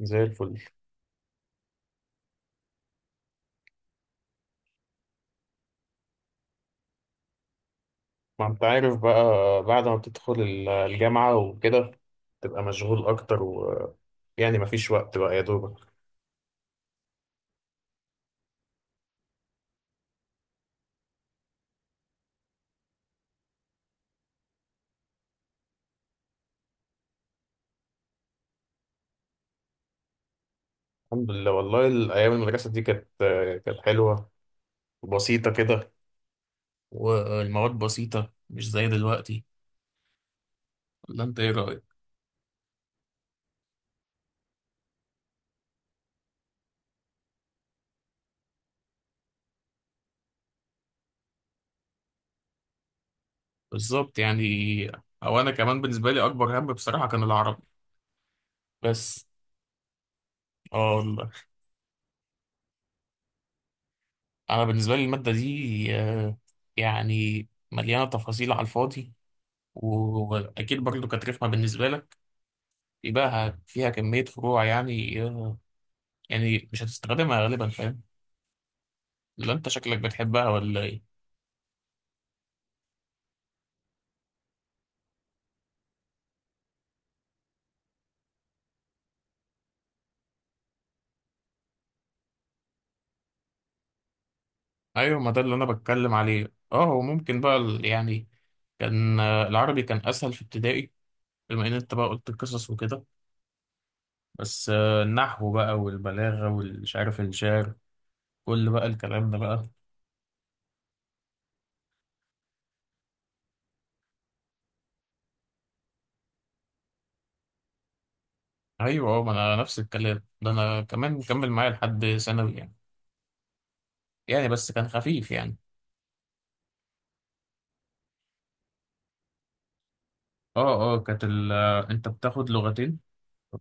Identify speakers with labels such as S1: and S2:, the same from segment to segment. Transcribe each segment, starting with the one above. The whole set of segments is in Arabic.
S1: زي الفل. ما انت عارف بقى، بعد ما بتدخل الجامعة وكده تبقى مشغول أكتر، ويعني مفيش وقت بقى يا دوبك. الحمد لله، والله الأيام المدرسة دي كانت كانت حلوة وبسيطة كده، والمواد بسيطة مش زي دلوقتي. ولا أنت إيه رأيك؟ بالظبط يعني. أو أنا كمان بالنسبة لي أكبر هم بصراحة كان العربي بس. آه والله، أنا بالنسبة لي المادة دي يعني مليانة تفاصيل على الفاضي، و- وأكيد برضو كانت رخمة بالنسبة لك. يبقى فيها كمية فروع، يعني يعني مش هتستخدمها غالبا، فاهم. لا انت شكلك بتحبها ولا ايه؟ ايوه، ما ده اللي انا بتكلم عليه. اه هو ممكن بقى يعني كان العربي كان اسهل في ابتدائي، بما ان انت بقى قلت القصص وكده. بس النحو بقى والبلاغة والمش عارف الشعر، كل بقى الكلام ده بقى. ايوه اه، ما انا نفس الكلام ده، انا كمان مكمل معايا لحد ثانوي يعني. يعني بس كان خفيف يعني. اه اه، كانت انت بتاخد لغتين،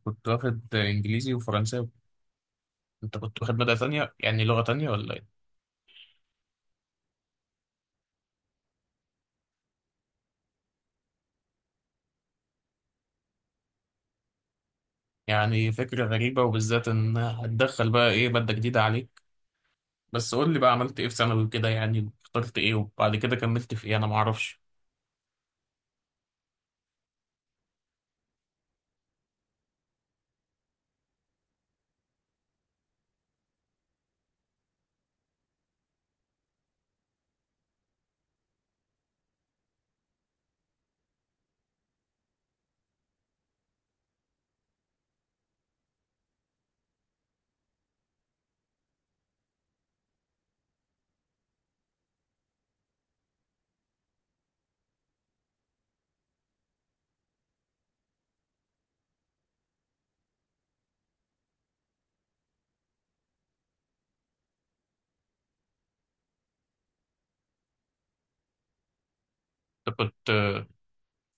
S1: كنت واخد انجليزي وفرنساوي. انت كنت واخد مادة تانية، يعني لغة تانية ولا ايه؟ يعني فكرة غريبة، وبالذات ان هتدخل بقى ايه مادة جديدة عليك. بس قول لي بقى عملت ايه في ثانوي كده، يعني اخترت ايه وبعد كده كملت في ايه، انا معرفش. انت كنت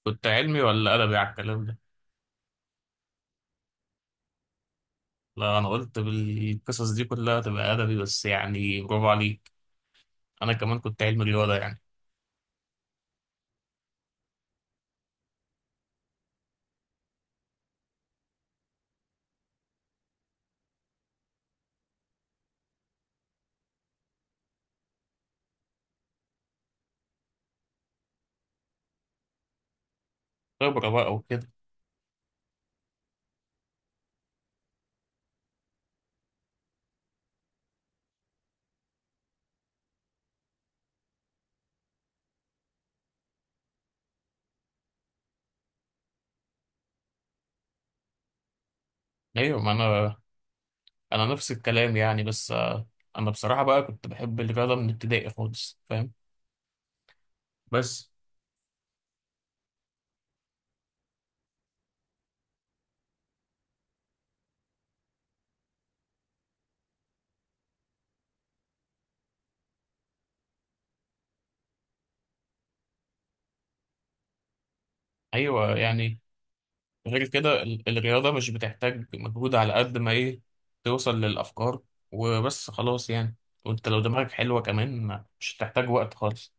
S1: كنت علمي ولا ادبي على الكلام ده؟ لا انا قلت بالقصص دي كلها تبقى ادبي، بس يعني برافو عليك. انا كمان كنت علمي رياضة يعني. خبرة بقى وكده. ايوه، ما انا نفس الكلام يعني. بس انا بصراحة بقى كنت بحب الرياضة من ابتدائي خالص، فاهم. بس ايوه يعني، غير كده الرياضة مش بتحتاج مجهود على قد ما إيه، توصل للأفكار وبس خلاص يعني. وأنت لو دماغك حلوة كمان مش هتحتاج وقت خالص.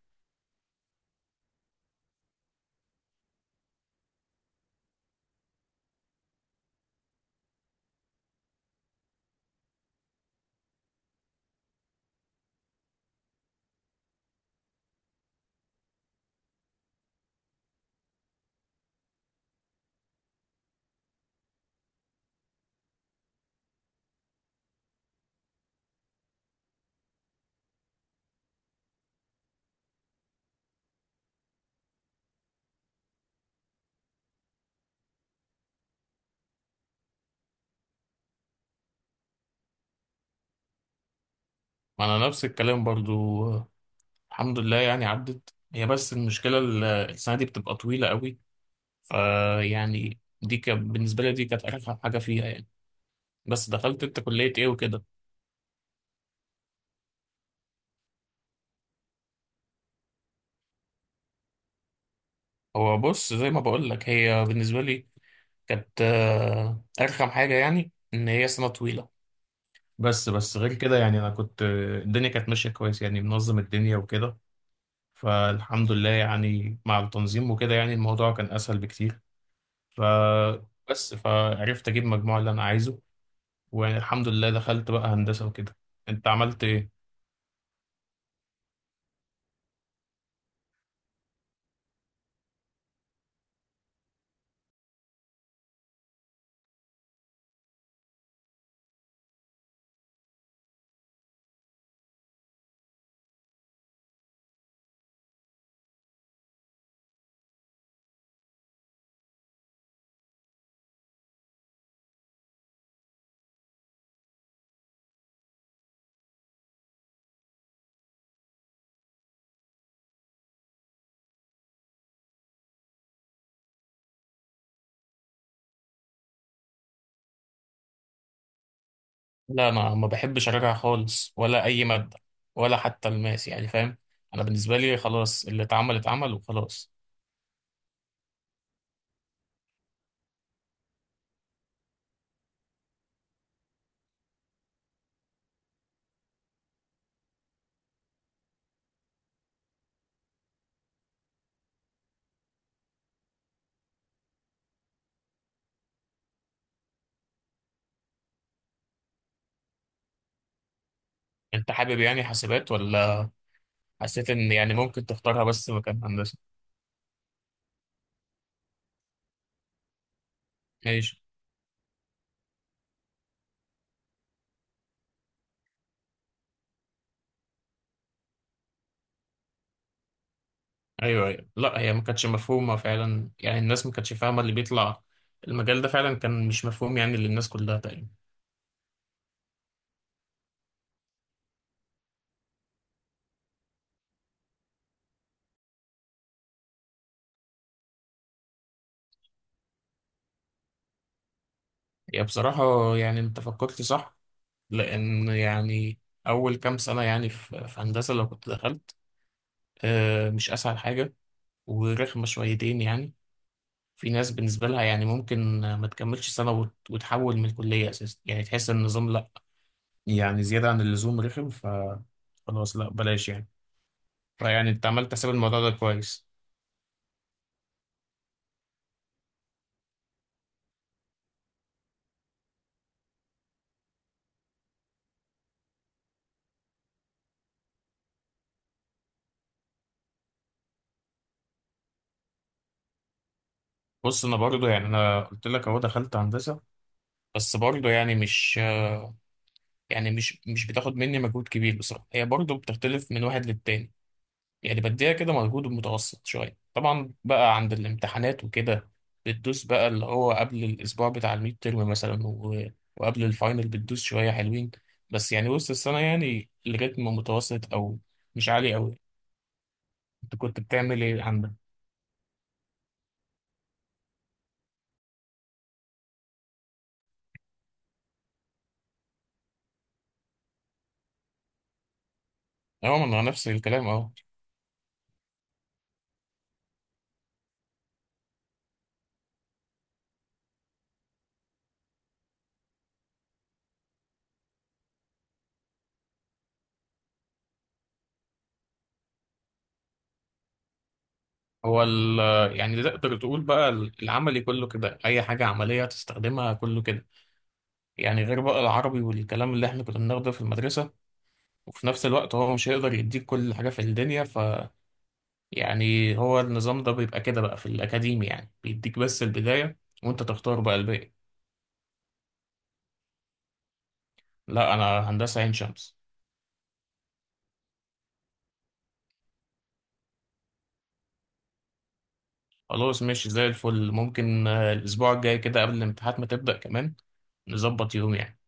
S1: ما أنا نفس الكلام برضو، الحمد لله يعني عدت هي. بس المشكلة السنة دي بتبقى طويلة قوي، فيعني دي كان بالنسبة لي دي كانت أرخم حاجة فيها يعني. بس دخلت أنت كلية إيه وكده؟ هو بص، زي ما بقولك، هي بالنسبة لي كانت أرخم حاجة يعني إن هي سنة طويلة. بس غير كده يعني انا كنت الدنيا كانت ماشيه كويس، يعني منظم الدنيا وكده. فالحمد لله يعني، مع التنظيم وكده يعني الموضوع كان اسهل بكتير. ف بس فعرفت اجيب المجموع اللي انا عايزه، والحمد لله دخلت بقى هندسه وكده. انت عملت ايه؟ لا انا ما بحبش اراجع خالص ولا اي ماده، ولا حتى الماس يعني، فاهم. انا بالنسبه لي خلاص، اللي اتعمل اتعمل وخلاص. انت حابب يعني حاسبات، ولا حسيت ان يعني ممكن تختارها بس مكان هندسه؟ ماشي. ايوه ايوه، لا هي ما كانتش مفهومه فعلا، يعني الناس ما كانتش فاهمه اللي بيطلع المجال ده. فعلا كان مش مفهوم يعني للناس كلها تقريبا. يعني بصراحه يعني، انت فكرت صح، لان يعني اول كام سنه يعني في هندسه لو كنت دخلت، مش اسهل حاجه ورخمه شويتين يعني. في ناس بالنسبه لها يعني ممكن ما تكملش سنه وت- وتحول من الكليه اساسا، يعني تحس ان النظام لا، يعني زياده عن اللزوم رخم. ف خلاص لا بلاش يعني. فيعني انت عملت حساب الموضوع ده كويس. بص، انا برضو يعني، انا قلت لك اهو دخلت هندسه. بس برضو يعني مش، يعني مش بتاخد مني مجهود كبير بصراحه. هي برضو بتختلف من واحد للتاني، يعني بديها كده مجهود متوسط شويه. طبعا بقى عند الامتحانات وكده بتدوس بقى اللي هو قبل الاسبوع بتاع الميد ترم مثلا، وقبل الفاينل بتدوس شويه حلوين. بس يعني وسط السنه يعني الريتم متوسط، او مش عالي قوي. انت كنت بتعمل ايه عندك؟ اه، ما انا نفس الكلام اهو. هو يعني تقدر تقول بقى العملي كله كده، أي حاجة عملية تستخدمها كله كده، يعني غير بقى العربي والكلام اللي احنا كنا بناخده في المدرسة. وفي نفس الوقت هو مش هيقدر يديك كل حاجة في الدنيا، ف يعني هو النظام ده بيبقى كده بقى في الأكاديمي، يعني بيديك بس البداية وأنت تختار بقى الباقي. لا أنا هندسة عين شمس. خلاص ماشي، زي الفل. ممكن الأسبوع الجاي كده قبل الامتحانات ما تبدأ، كمان نظبط يوم يعني.